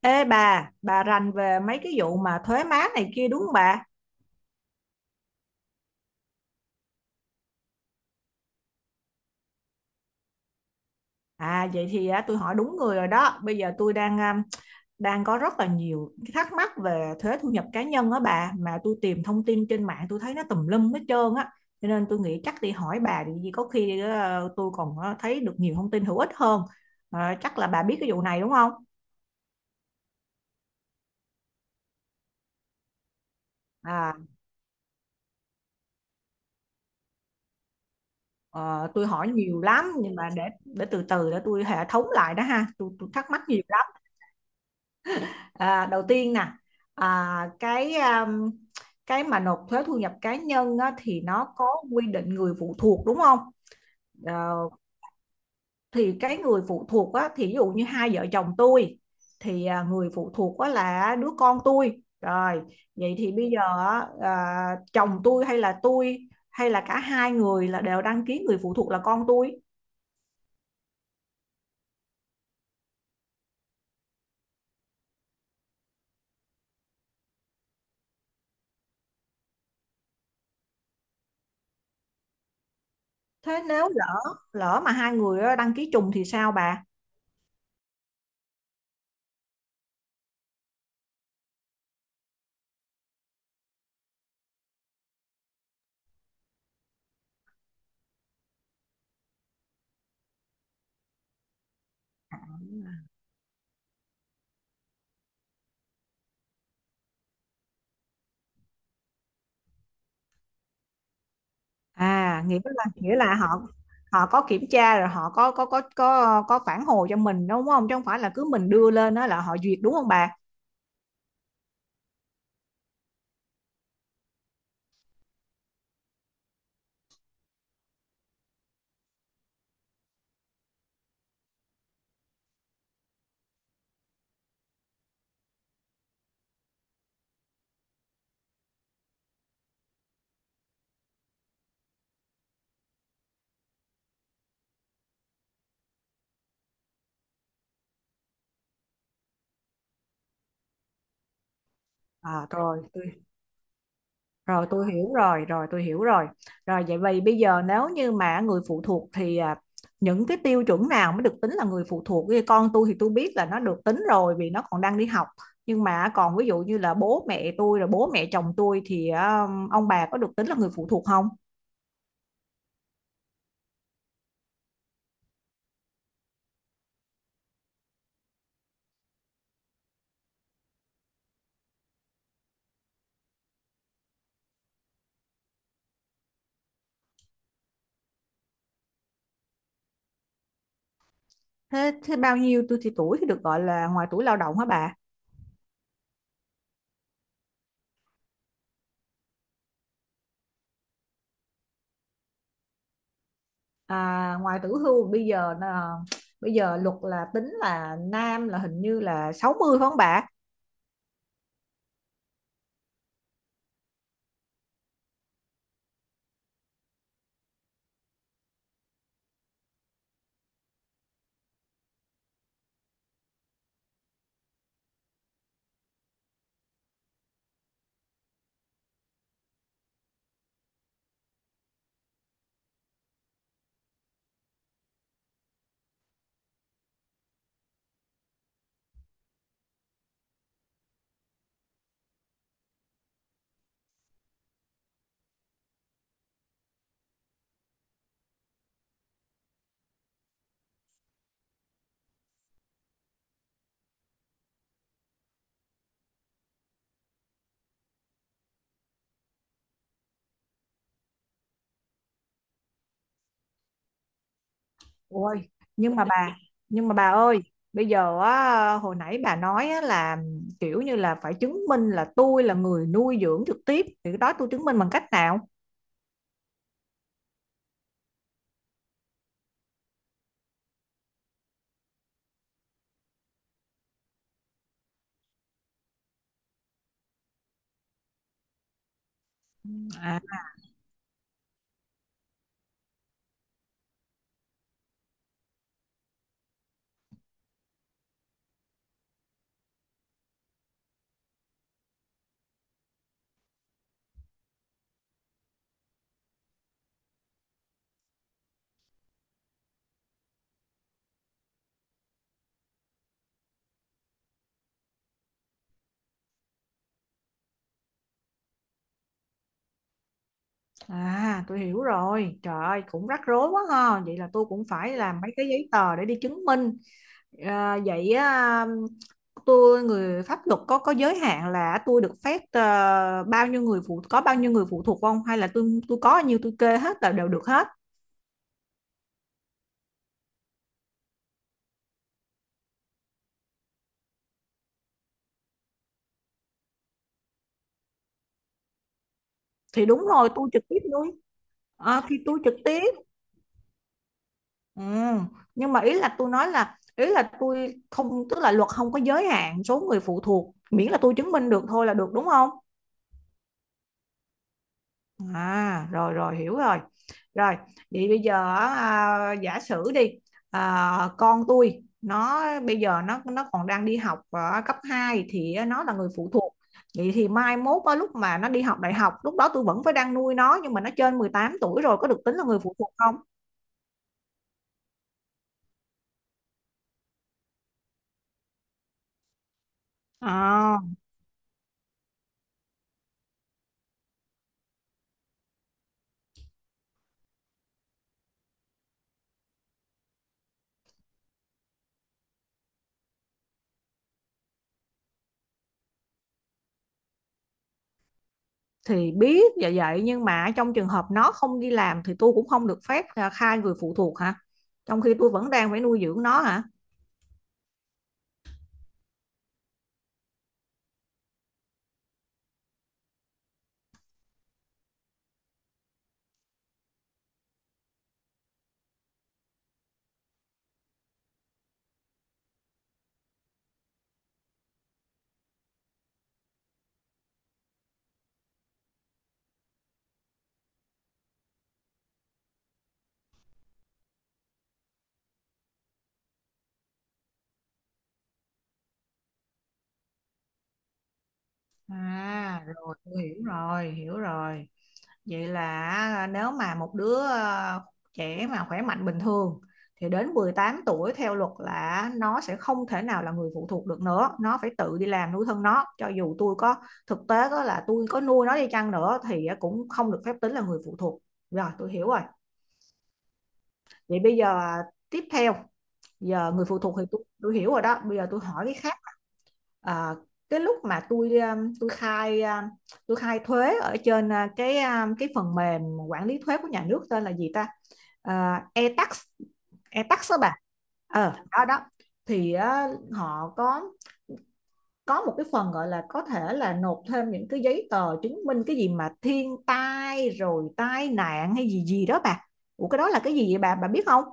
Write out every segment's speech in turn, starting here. Ê bà rành về mấy cái vụ mà thuế má này kia đúng không bà? À vậy thì tôi hỏi đúng người rồi đó. Bây giờ tôi đang đang có rất là nhiều cái thắc mắc về thuế thu nhập cá nhân á bà, mà tôi tìm thông tin trên mạng tôi thấy nó tùm lum hết trơn á. Cho nên tôi nghĩ chắc đi hỏi bà thì gì có khi tôi còn thấy được nhiều thông tin hữu ích hơn. À, chắc là bà biết cái vụ này đúng không? À ờ, tôi hỏi nhiều lắm, nhưng mà để từ từ để tôi hệ thống lại đó ha. Tôi thắc mắc nhiều lắm. À, đầu tiên nè, à, cái um, cái mà nộp thuế thu nhập cá nhân á, thì nó có quy định người phụ thuộc đúng không? Ờ, thì cái người phụ thuộc á, thì ví dụ như hai vợ chồng tôi thì người phụ thuộc á, là đứa con tôi rồi, vậy thì bây giờ chồng tôi hay là tôi, hay là cả hai người là đều đăng ký người phụ thuộc là con tôi. Thế nếu lỡ lỡ mà hai người á, đăng ký trùng thì sao bà? À, nghĩa là họ, họ có kiểm tra rồi họ có phản hồi cho mình đúng không? Chứ không phải là cứ mình đưa lên đó là họ duyệt đúng không bà? À, rồi tôi hiểu rồi rồi tôi hiểu rồi rồi Vậy vì bây giờ nếu như mà người phụ thuộc, thì những cái tiêu chuẩn nào mới được tính là người phụ thuộc? Ví con tôi thì tôi biết là nó được tính rồi vì nó còn đang đi học, nhưng mà còn ví dụ như là bố mẹ tôi rồi bố mẹ chồng tôi thì ông bà có được tính là người phụ thuộc không? Thế, bao nhiêu tuổi thì được gọi là ngoài tuổi lao động hả bà? À, ngoài tuổi hưu bây giờ là bây giờ luật là tính là nam là hình như là 60 phải không bà? Ôi, nhưng mà bà nhưng mà bà ơi, bây giờ á, hồi nãy bà nói á, là kiểu như là phải chứng minh là tôi là người nuôi dưỡng trực tiếp, thì cái đó tôi chứng minh bằng cách nào? À, à, tôi hiểu rồi. Trời ơi cũng rắc rối quá ha. Vậy là tôi cũng phải làm mấy cái giấy tờ để đi chứng minh. À, vậy tôi người pháp luật có giới hạn là tôi được phép ờ, bao nhiêu người phụ có bao nhiêu người phụ thuộc không, hay là tôi có bao nhiêu tôi kê hết là đều được hết? Thì đúng rồi, tôi trực tiếp nuôi. Ờ, thì tôi trực tiếp, ừ, nhưng mà ý là tôi nói là ý là tôi không tức là luật không có giới hạn số người phụ thuộc, miễn là tôi chứng minh được thôi là được đúng không? À, rồi rồi hiểu rồi. Rồi, vậy bây giờ giả sử đi, con tôi nó bây giờ nó còn đang đi học ở cấp hai, thì nó là người phụ thuộc. Vậy thì mai mốt á, lúc mà nó đi học đại học, lúc đó tôi vẫn phải đang nuôi nó, nhưng mà nó trên 18 tuổi rồi có được tính là người phụ thuộc không? À, thì biết vậy, vậy nhưng mà trong trường hợp nó không đi làm, thì tôi cũng không được phép khai người phụ thuộc hả? Trong khi tôi vẫn đang phải nuôi dưỡng nó hả? À rồi, tôi hiểu rồi. Vậy là nếu mà một đứa trẻ mà khỏe mạnh bình thường, thì đến 18 tuổi theo luật là nó sẽ không thể nào là người phụ thuộc được nữa, nó phải tự đi làm nuôi thân nó, cho dù tôi có thực tế có là tôi có nuôi nó đi chăng nữa thì cũng không được phép tính là người phụ thuộc. Rồi tôi hiểu rồi. Vậy bây giờ tiếp theo, giờ người phụ thuộc thì tôi hiểu rồi đó, bây giờ tôi hỏi cái khác. Ờ, cái lúc mà tôi khai thuế ở trên cái phần mềm quản lý thuế của nhà nước tên là gì ta, e-tax. E-tax đó bà. Ờ đó đó, thì á, họ có một cái phần gọi là có thể là nộp thêm những cái giấy tờ chứng minh cái gì mà thiên tai rồi tai nạn hay gì gì đó bà. Ủa cái đó là cái gì vậy bà biết không?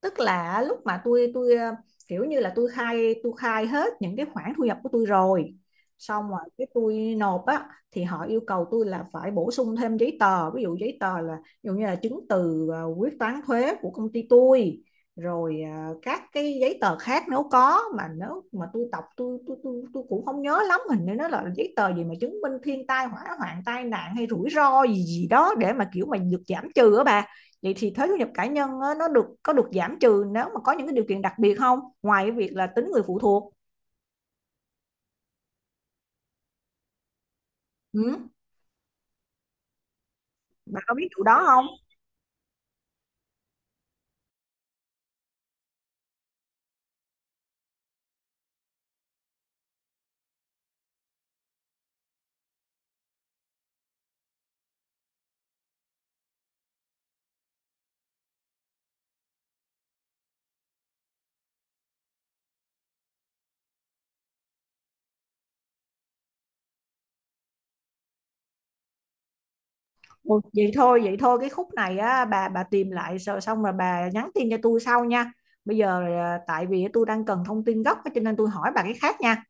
Tức là lúc mà tôi ờ, kiểu như là tôi khai hết những cái khoản thu nhập của tôi rồi, xong rồi cái tôi nộp á, thì họ yêu cầu tôi là phải bổ sung thêm giấy tờ, ví dụ giấy tờ là ví dụ như là chứng từ quyết toán thuế của công ty tôi, rồi ờ, các cái giấy tờ khác nếu có, mà nếu mà tôi đọc tôi cũng không nhớ lắm, hình như nó là giấy tờ gì mà chứng minh thiên tai hỏa hoạn tai nạn hay rủi ro gì gì đó để mà kiểu mà được giảm trừ á bà. Vậy thì thuế thu nhập cá nhân nó được có được giảm trừ nếu mà có những cái điều kiện đặc biệt không? Ngoài cái việc là tính người phụ thuộc. Ừ. Bà có biết vụ đó không? Ừ. Vậy thôi cái khúc này á, bà tìm lại rồi xong rồi bà nhắn tin cho tôi sau nha. Bây giờ tại vì tôi đang cần thông tin gốc cho nên tôi hỏi bà cái khác nha.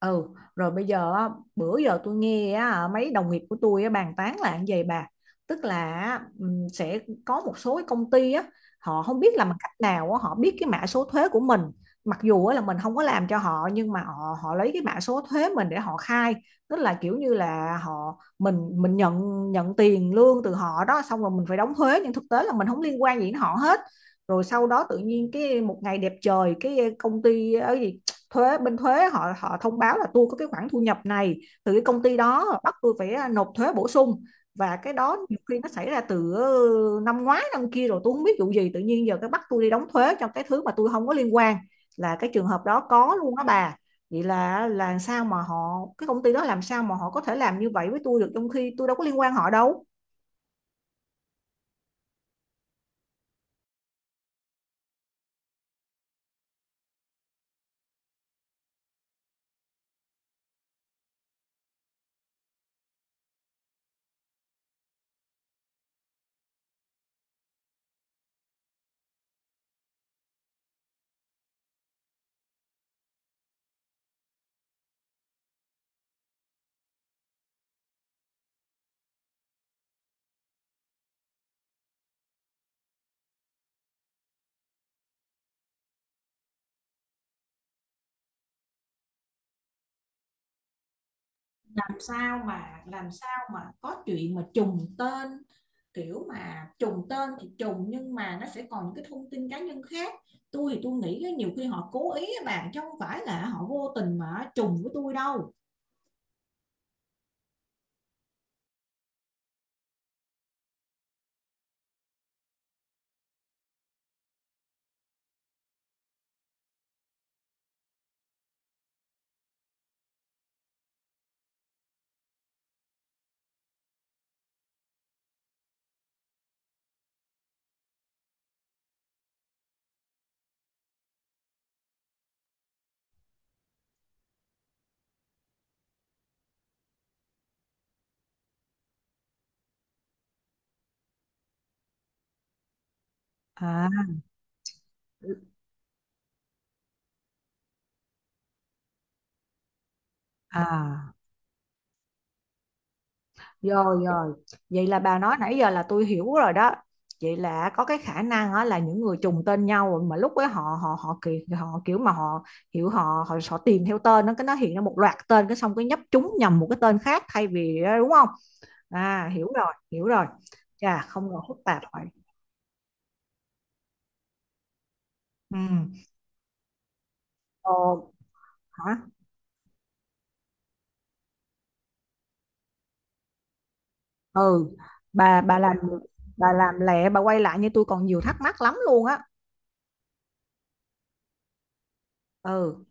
Ừ, rồi bây giờ á, bữa giờ tôi nghe á, mấy đồng nghiệp của tôi á, bàn tán là như vậy bà, tức là sẽ có một số cái công ty á, họ không biết làm bằng cách nào á, họ biết cái mã số thuế của mình, mặc dù á, là mình không có làm cho họ, nhưng mà họ họ lấy cái mã số thuế mình để họ khai, tức là kiểu như là họ mình nhận nhận tiền lương từ họ đó, xong rồi mình phải đóng thuế, nhưng thực tế là mình không liên quan gì đến họ hết. Rồi sau đó tự nhiên cái một ngày đẹp trời cái công ty ấy, thuế bên thuế họ họ thông báo là tôi có cái khoản thu nhập này từ cái công ty đó, bắt tôi phải nộp thuế bổ sung, và cái đó nhiều khi nó xảy ra từ năm ngoái năm kia rồi, tôi không biết vụ gì tự nhiên giờ cái bắt tôi đi đóng thuế cho cái thứ mà tôi không có liên quan. Là cái trường hợp đó có luôn đó bà. Vậy là sao mà họ cái công ty đó làm sao mà họ có thể làm như vậy với tôi được, trong khi tôi đâu có liên quan họ đâu? Làm sao mà có chuyện mà trùng tên? Kiểu mà trùng tên thì trùng, nhưng mà nó sẽ còn những cái thông tin cá nhân khác. Tôi thì tôi nghĩ nhiều khi họ cố ý á bạn, chứ không phải là họ vô tình mà trùng với tôi đâu. À, à. Rồi rồi, vậy là bà nói nãy giờ là tôi hiểu rồi đó. Vậy là có cái khả năng á, là những người trùng tên nhau, mà lúc ấy họ họ họ kiểu mà họ hiểu họ họ, họ tìm theo tên, nó cái nó hiện ra một loạt tên cái xong cái nhấp trúng nhầm một cái tên khác thay vì đúng không? À hiểu rồi, hiểu rồi. Chà không ngờ phức tạp vậy. Ừ. Ồ, hả? Ừ. Bà bà làm bà làm lẹ bà quay lại như tôi còn nhiều thắc mắc lắm luôn á. Ừ.